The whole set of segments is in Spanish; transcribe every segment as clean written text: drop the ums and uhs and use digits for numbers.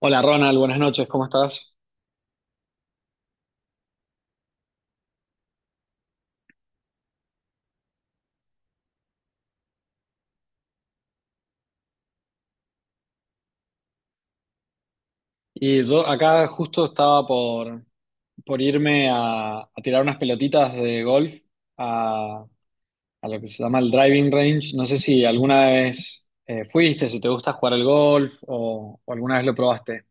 Hola Ronald, buenas noches, ¿cómo estás? Y yo acá justo estaba por irme a tirar unas pelotitas de golf a, a lo que se llama el driving range. No sé si alguna vez fuiste, si te gusta jugar al golf o alguna vez lo probaste.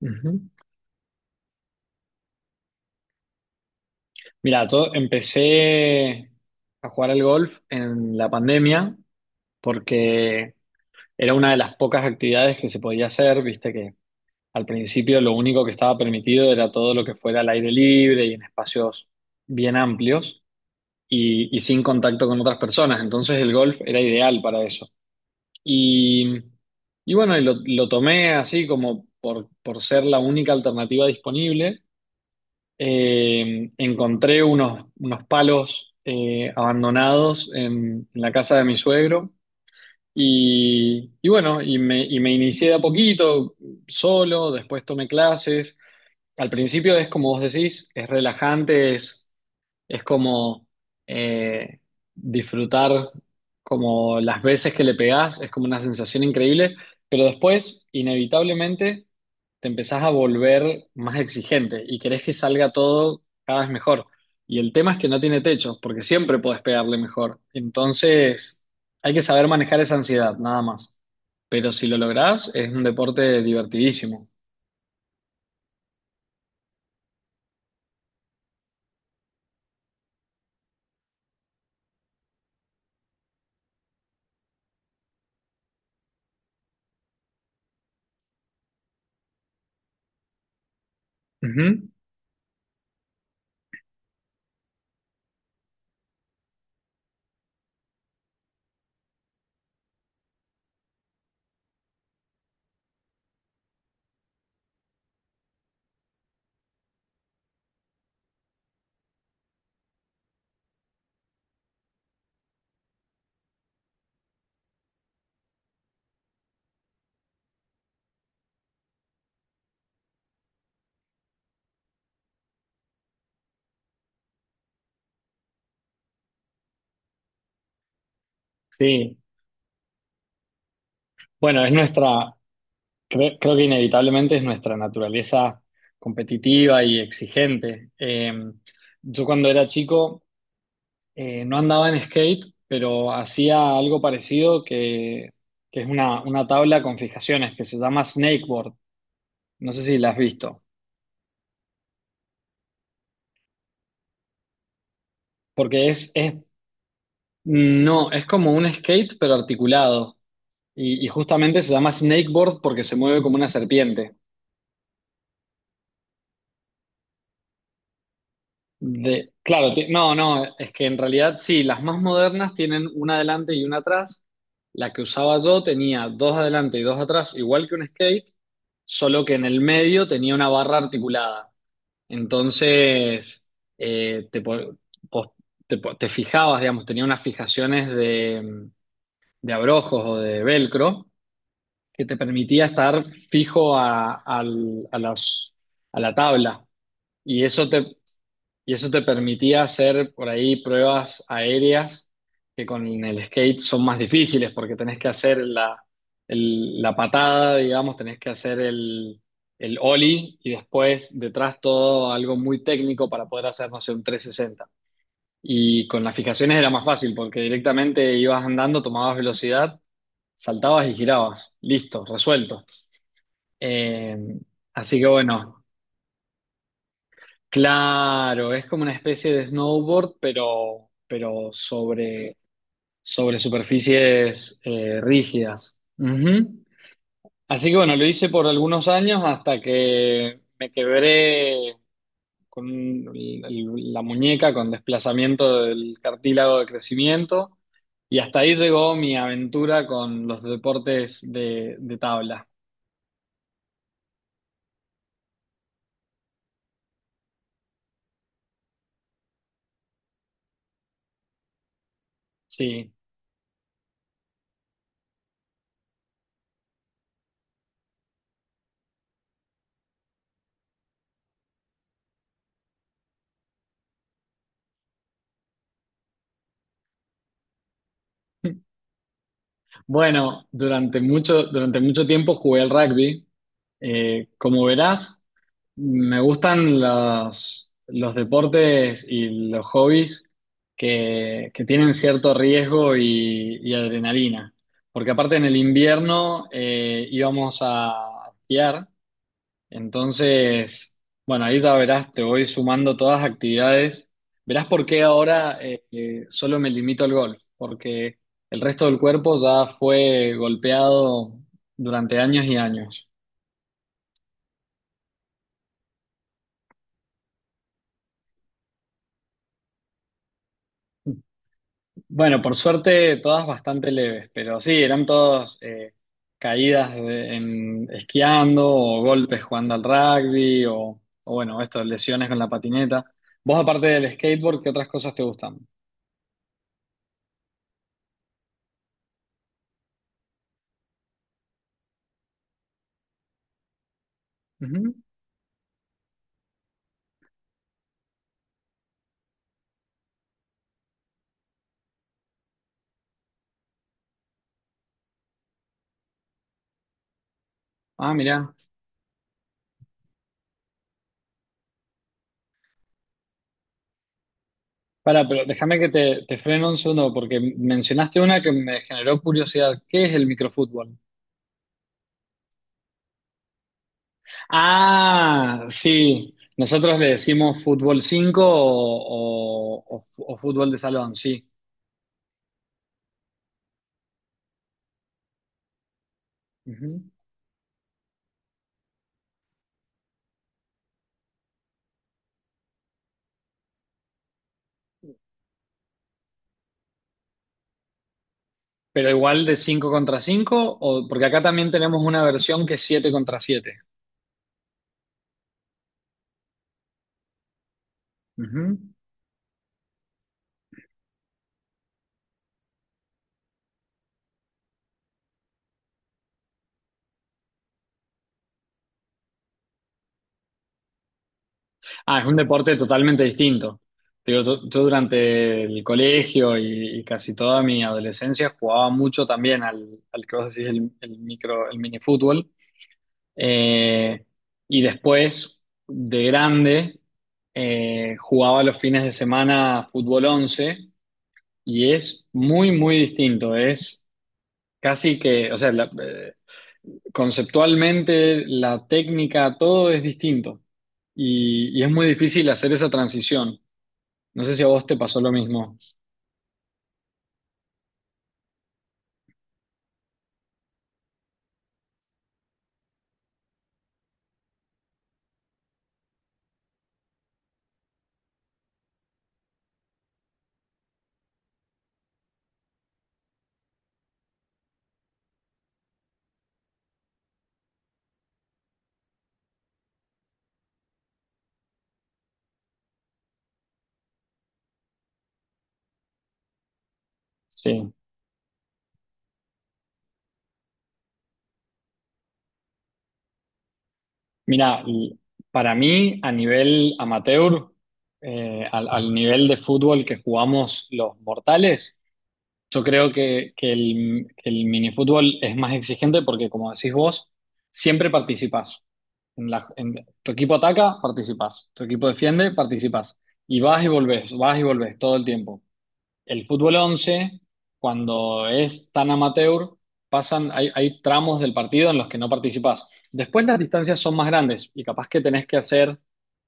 Ujú. Mira, yo empecé a jugar al golf en la pandemia porque era una de las pocas actividades que se podía hacer, viste que al principio lo único que estaba permitido era todo lo que fuera al aire libre y en espacios bien amplios y sin contacto con otras personas. Entonces el golf era ideal para eso. Y, y bueno, y lo tomé así como por ser la única alternativa disponible. Encontré unos palos abandonados en la casa de mi suegro. Y bueno, y me inicié de a poquito, solo, después tomé clases. Al principio es como vos decís, es relajante, es como eh, disfrutar, como las veces que le pegás, es como una sensación increíble, pero después inevitablemente te empezás a volver más exigente y querés que salga todo cada vez mejor. Y el tema es que no tiene techo, porque siempre podés pegarle mejor. Entonces hay que saber manejar esa ansiedad, nada más. Pero si lo lográs, es un deporte divertidísimo. Ujú. Sí. Bueno, creo que inevitablemente es nuestra naturaleza competitiva y exigente. Yo cuando era chico no andaba en skate, pero hacía algo parecido, que es una tabla con fijaciones que se llama snakeboard. No sé si la has visto, porque no, es como un skate pero articulado, y justamente se llama snakeboard porque se mueve como una serpiente. Claro, no, no, es que en realidad sí, las más modernas tienen una adelante y una atrás. La que usaba yo tenía dos adelante y dos atrás, igual que un skate, solo que en el medio tenía una barra articulada. Entonces, te, po- po- po- te fijabas, digamos, tenía unas fijaciones de abrojos o de velcro que te permitía estar fijo a, al- a las- a la tabla. Y eso te, y eso te permitía hacer por ahí pruebas aéreas que con el skate son más difíciles porque tenés que hacer la patada, digamos, tenés que hacer el ollie y después detrás todo algo muy técnico para poder hacer, no sé, un 360. Y con las fijaciones era más fácil porque directamente ibas andando, tomabas velocidad, saltabas y girabas. Listo, resuelto. Eh, Así que bueno. Claro, es como una especie de snowboard, pero, pero sobre superficies rígidas. Ujú. Así que bueno, lo hice por algunos años hasta que me quebré con un- el- la muñeca con desplazamiento del cartílago de crecimiento, y hasta ahí llegó mi aventura con los deportes de tabla. Sí. Bueno, durante mucho tiempo jugué al rugby. Como verás, me gustan los deportes y los hobbies que tienen cierto riesgo y adrenalina. Porque aparte en el invierno íbamos a esquiar. Entonces, bueno, ahí ya verás, te voy sumando todas las actividades. Verás por qué ahora solo me limito al golf, porque el resto del cuerpo ya fue golpeado durante años y años. Bueno, por suerte todas bastante leves, pero sí, eran todas caídas en, esquiando, o golpes jugando al rugby o bueno, esto, lesiones con la patineta. Vos aparte del skateboard, ¿qué otras cosas te gustan? Ujú. Ah, mirá. Pero déjame que te freno un segundo porque mencionaste una que me generó curiosidad. ¿Qué es el microfútbol? Ah, sí. Nosotros le decimos fútbol 5 o fútbol de salón, sí. Ujú. Pero igual de 5 contra 5 porque acá también tenemos una versión que es 7 contra 7. Ah, es un deporte totalmente distinto. Te digo, yo durante el colegio y casi toda mi adolescencia jugaba mucho también al que vos decís el micro, el mini fútbol. Eh, y después, de grande, jugaba los fines de semana fútbol 11, y es muy, muy distinto. Es casi que, o sea, conceptualmente la técnica, todo es distinto. y y es muy difícil hacer esa transición. No sé si a vos te pasó lo mismo. Sí. Mira, para mí, a nivel amateur, al nivel de fútbol que jugamos los mortales, yo creo que, que el minifútbol es más exigente porque, como decís vos, siempre participás. En la- en- Tu equipo ataca, participás. Tu equipo defiende, participás. Y vas y volvés todo el tiempo. El fútbol 11, cuando es tan amateur, hay tramos del partido en los que no participás. Después las distancias son más grandes y capaz que tenés que hacer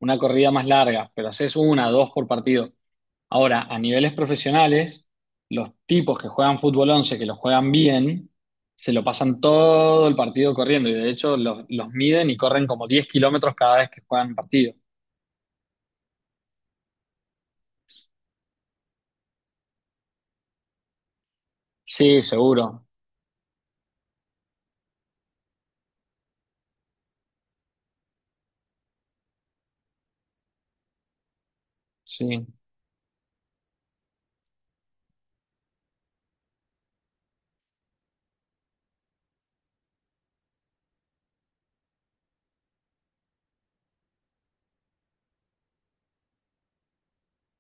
una corrida más larga, pero haces una, dos por partido. Ahora, a niveles profesionales, los tipos que juegan fútbol 11 que lo juegan bien, se lo pasan todo el partido corriendo, y de hecho los miden y corren como 10 kilómetros cada vez que juegan partido. Sí, seguro, sí,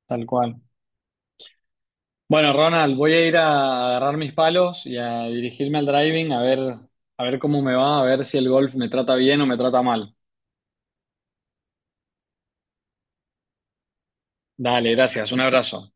tal cual. Bueno, Ronald, voy a ir a agarrar mis palos y a dirigirme al driving a ver cómo me va, a ver si el golf me trata bien o me trata mal. Dale, gracias, un abrazo.